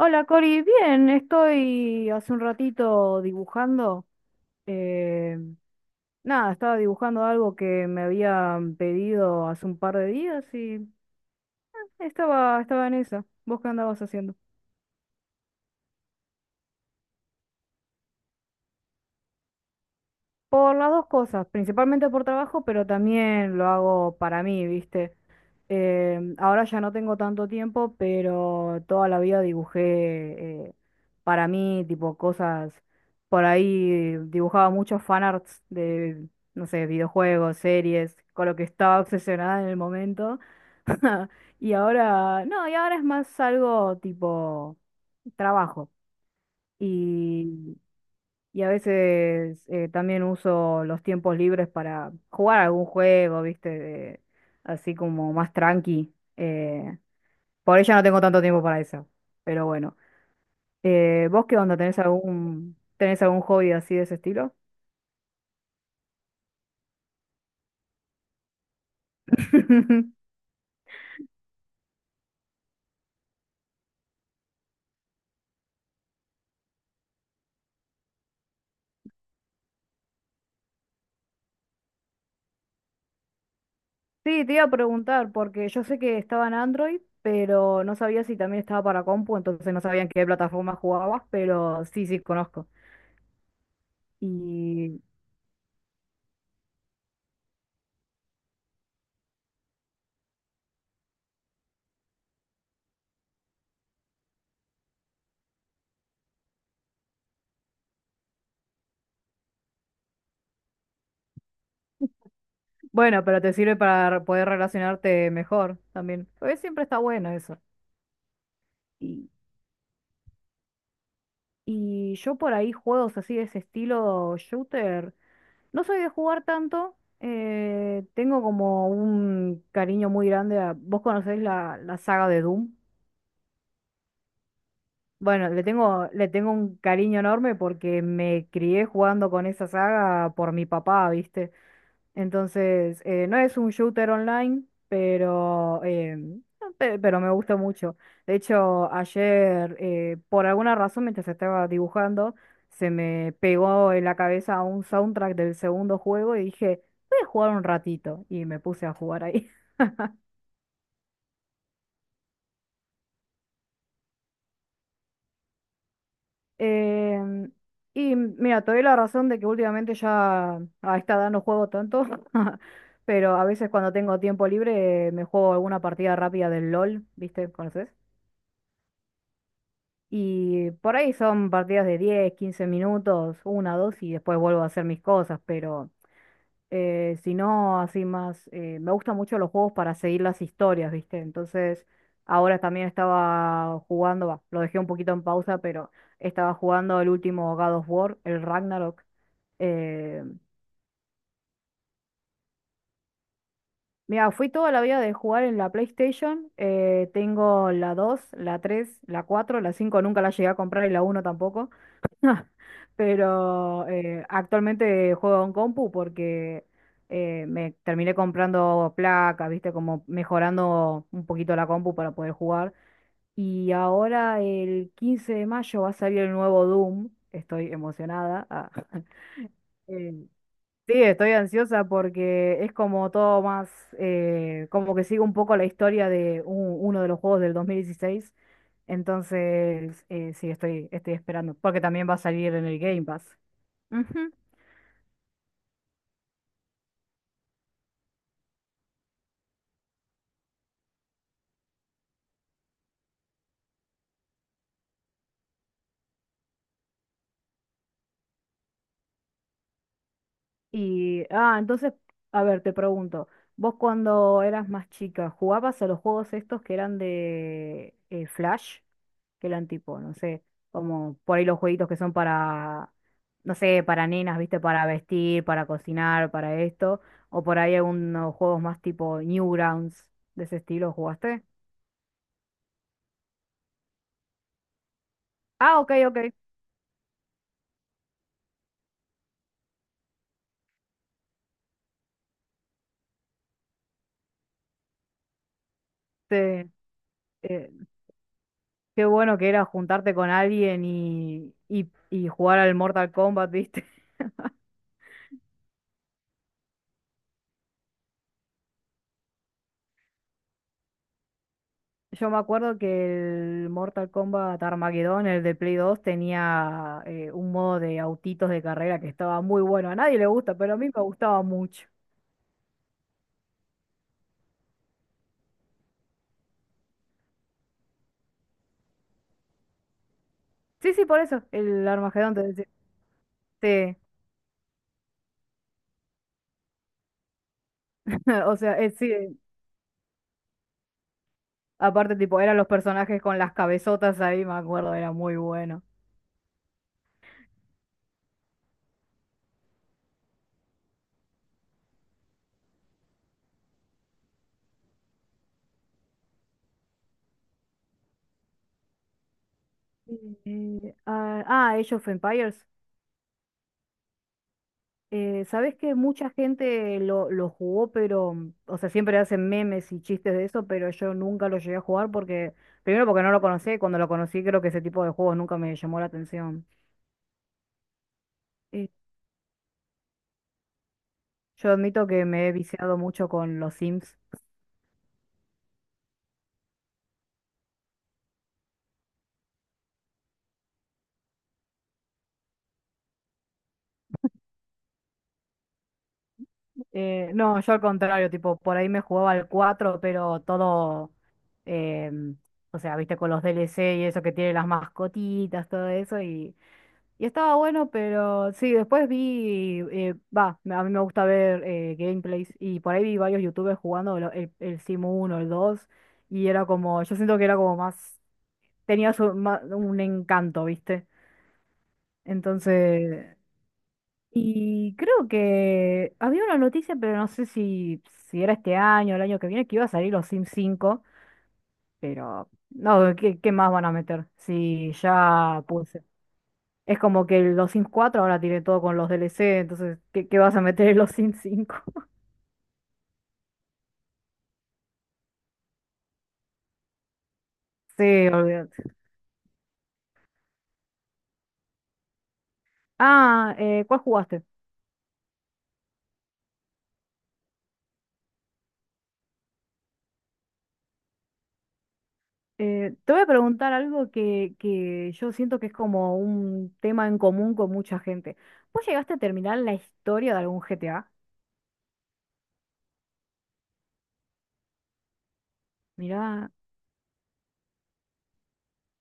Hola Cori, bien, estoy hace un ratito dibujando. eh, nada, estaba dibujando algo que me habían pedido hace un par de días y estaba en esa. ¿Vos qué andabas haciendo? Por las dos cosas, principalmente por trabajo, pero también lo hago para mí, ¿viste? Ahora ya no tengo tanto tiempo, pero toda la vida dibujé para mí, tipo cosas. Por ahí dibujaba muchos fanarts de, no sé, videojuegos, series, con lo que estaba obsesionada en el momento. Y ahora, no, y ahora es más algo tipo trabajo. y y a veces también uso los tiempos libres para jugar algún juego, ¿viste? Así como más tranqui. Por ahí ya no tengo tanto tiempo para eso. Pero bueno. ¿Vos qué onda? ¿Tenés algún hobby así de ese estilo? Sí, te iba a preguntar, porque yo sé que estaba en Android, pero no sabía si también estaba para compu, entonces no sabía en qué plataforma jugabas, pero sí, sí, conozco. Y, bueno, pero te sirve para poder relacionarte mejor también. Porque siempre está bueno eso. Y, y yo por ahí juegos así de ese estilo shooter, no soy de jugar tanto. Tengo como un cariño muy grande a... ¿Vos conocés la saga de Doom? Bueno, le tengo un cariño enorme porque me crié jugando con esa saga por mi papá, ¿viste? Entonces, no es un shooter online, pero, no, pero me gusta mucho. De hecho, ayer, por alguna razón, mientras estaba dibujando, se me pegó en la cabeza un soundtrack del segundo juego y dije, voy a jugar un ratito. Y me puse a jugar ahí. Em, y mira, te doy la razón de que últimamente ya a esta edad no juego tanto, pero a veces cuando tengo tiempo libre me juego alguna partida rápida del LOL, ¿viste? ¿Conoces? Y por ahí son partidos de 10, 15 minutos, una, dos, y después vuelvo a hacer mis cosas, pero si no, así más, me gustan mucho los juegos para seguir las historias, ¿viste? Entonces, ahora también estaba jugando, va, lo dejé un poquito en pausa, pero estaba jugando el último God of War, el Ragnarok. Eh, mira, fui toda la vida de jugar en la PlayStation. Tengo la dos, la tres, la cuatro, la 5 nunca la llegué a comprar, y la uno tampoco. Pero actualmente juego en compu porque me terminé comprando placas, viste, como mejorando un poquito la compu para poder jugar. Y ahora el 15 de mayo va a salir el nuevo Doom. Estoy emocionada. Ah. Eh, sí, estoy ansiosa porque es como todo más, como que sigue un poco la historia de uno de los juegos del 2016. Entonces, sí, estoy esperando, porque también va a salir en el Game Pass. Ujú. Y, entonces, a ver, te pregunto, vos cuando eras más chica, ¿jugabas a los juegos estos que eran de Flash? Que eran tipo, no sé, como por ahí los jueguitos que son para, no sé, para nenas, viste, para vestir, para cocinar, para esto, o por ahí algunos juegos más tipo Newgrounds, de ese estilo, ¿jugaste? Ah, ok, ok. Te- eh, qué bueno que era juntarte con alguien y jugar al Mortal Kombat, viste. Yo me acuerdo que el Mortal Kombat Armageddon, el de Play 2 tenía un modo de autitos de carrera que estaba muy bueno. A nadie le gusta, pero a mí me gustaba mucho. Sí, sí, por eso, el Armageddon te decía. Sí, o sea, sí, aparte tipo, eran los personajes con las cabezotas ahí, me acuerdo, era muy bueno. Age of Empires. Sabes que mucha gente lo jugó, pero, o sea, siempre hacen memes y chistes de eso, pero yo nunca lo llegué a jugar porque, primero porque no lo conocí, y cuando lo conocí creo que ese tipo de juegos nunca me llamó la atención. Y yo admito que me he viciado mucho con los Sims. No, yo al contrario, tipo, por ahí me jugaba al 4 pero todo, em, o sea, viste, con los DLC y eso que tiene las mascotitas, todo eso, y estaba bueno, pero sí, después vi, va, a mí me gusta ver gameplays y por ahí vi varios youtubers jugando el Simu uno, el dos, y era como, yo siento que era como más, tenía un encanto, ¿viste? Entonces, y creo que había una noticia, pero no sé si, era este año o el año que viene, que iba a salir los Sims cinco, pero no, ¿qué más van a meter? Si ya es como que los Sims 4 ahora tiene todo con los DLC, entonces, ¿qué vas a meter en los Sims cinco? Sí, olvídate. ¿Cuál jugaste? Te voy a preguntar algo que yo siento que es como un tema en común con mucha gente. ¿Vos llegaste a terminar la historia de algún GTA? Mirá,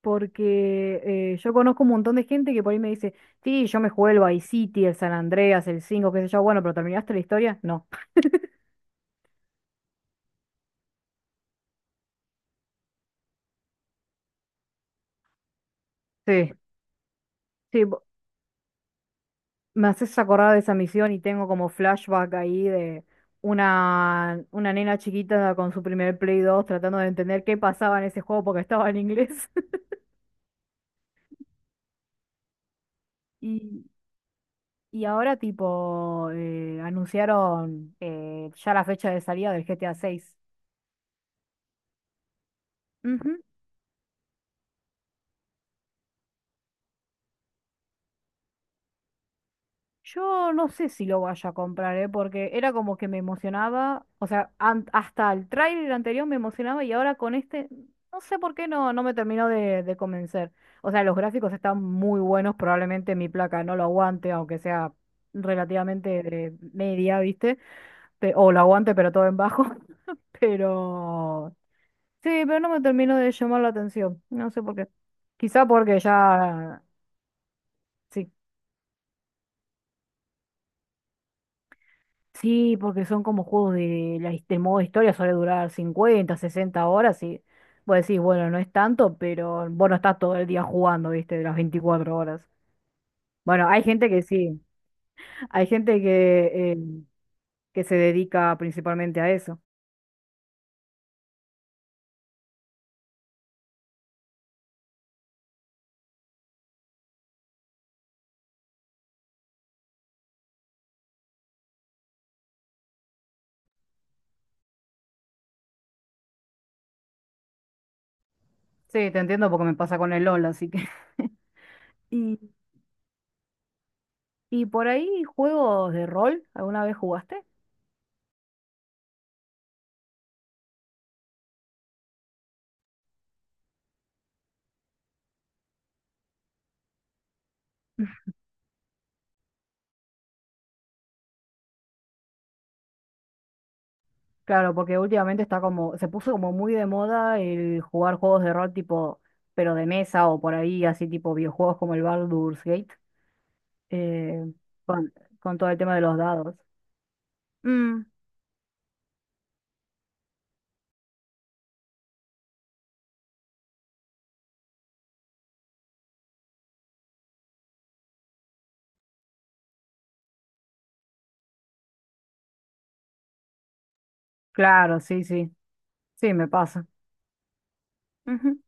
porque yo conozco un montón de gente que por ahí me dice, sí, yo me jugué el Vice City, el San Andreas, el 5 qué sé yo, bueno, pero ¿terminaste la historia? No. Sí. Sí, me haces acordar de esa misión y tengo como flashback ahí de una nena chiquita con su primer Play 2 tratando de entender qué pasaba en ese juego porque estaba en inglés. Y, y ahora tipo anunciaron ya la fecha de salida del GTA 6. Yo no sé si lo vaya a comprar, ¿eh? Porque era como que me emocionaba, o sea, hasta el tráiler anterior me emocionaba y ahora con este, no sé por qué no, no me terminó de convencer. O sea, los gráficos están muy buenos, probablemente mi placa no lo aguante, aunque sea relativamente de media, ¿viste? O lo aguante, pero todo en bajo. Pero sí, pero no me terminó de llamar la atención, no sé por qué. Quizá porque ya, sí. Sí, porque son como juegos de del modo historia, suele durar 50, 60 horas y vos decís, bueno, no es tanto, pero vos no estás todo el día jugando, viste, de las 24 horas. Bueno, hay gente que sí, hay gente que se dedica principalmente a eso. Sí, te entiendo porque me pasa con el LOL, así que... Y, y por ahí, juegos de rol, ¿alguna vez jugaste? Claro, porque últimamente está como, se puso como muy de moda el jugar juegos de rol tipo, pero de mesa o por ahí, así tipo videojuegos como el Baldur's Gate, eh, con, con todo el tema de los dados. Mm, claro, sí, sí, sí, me pasa. Ujú.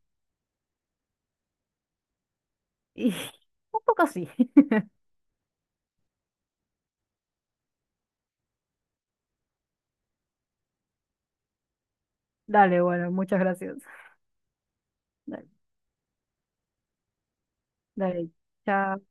Y un poco sí. Dale, bueno, muchas gracias. Dale, dale, chao.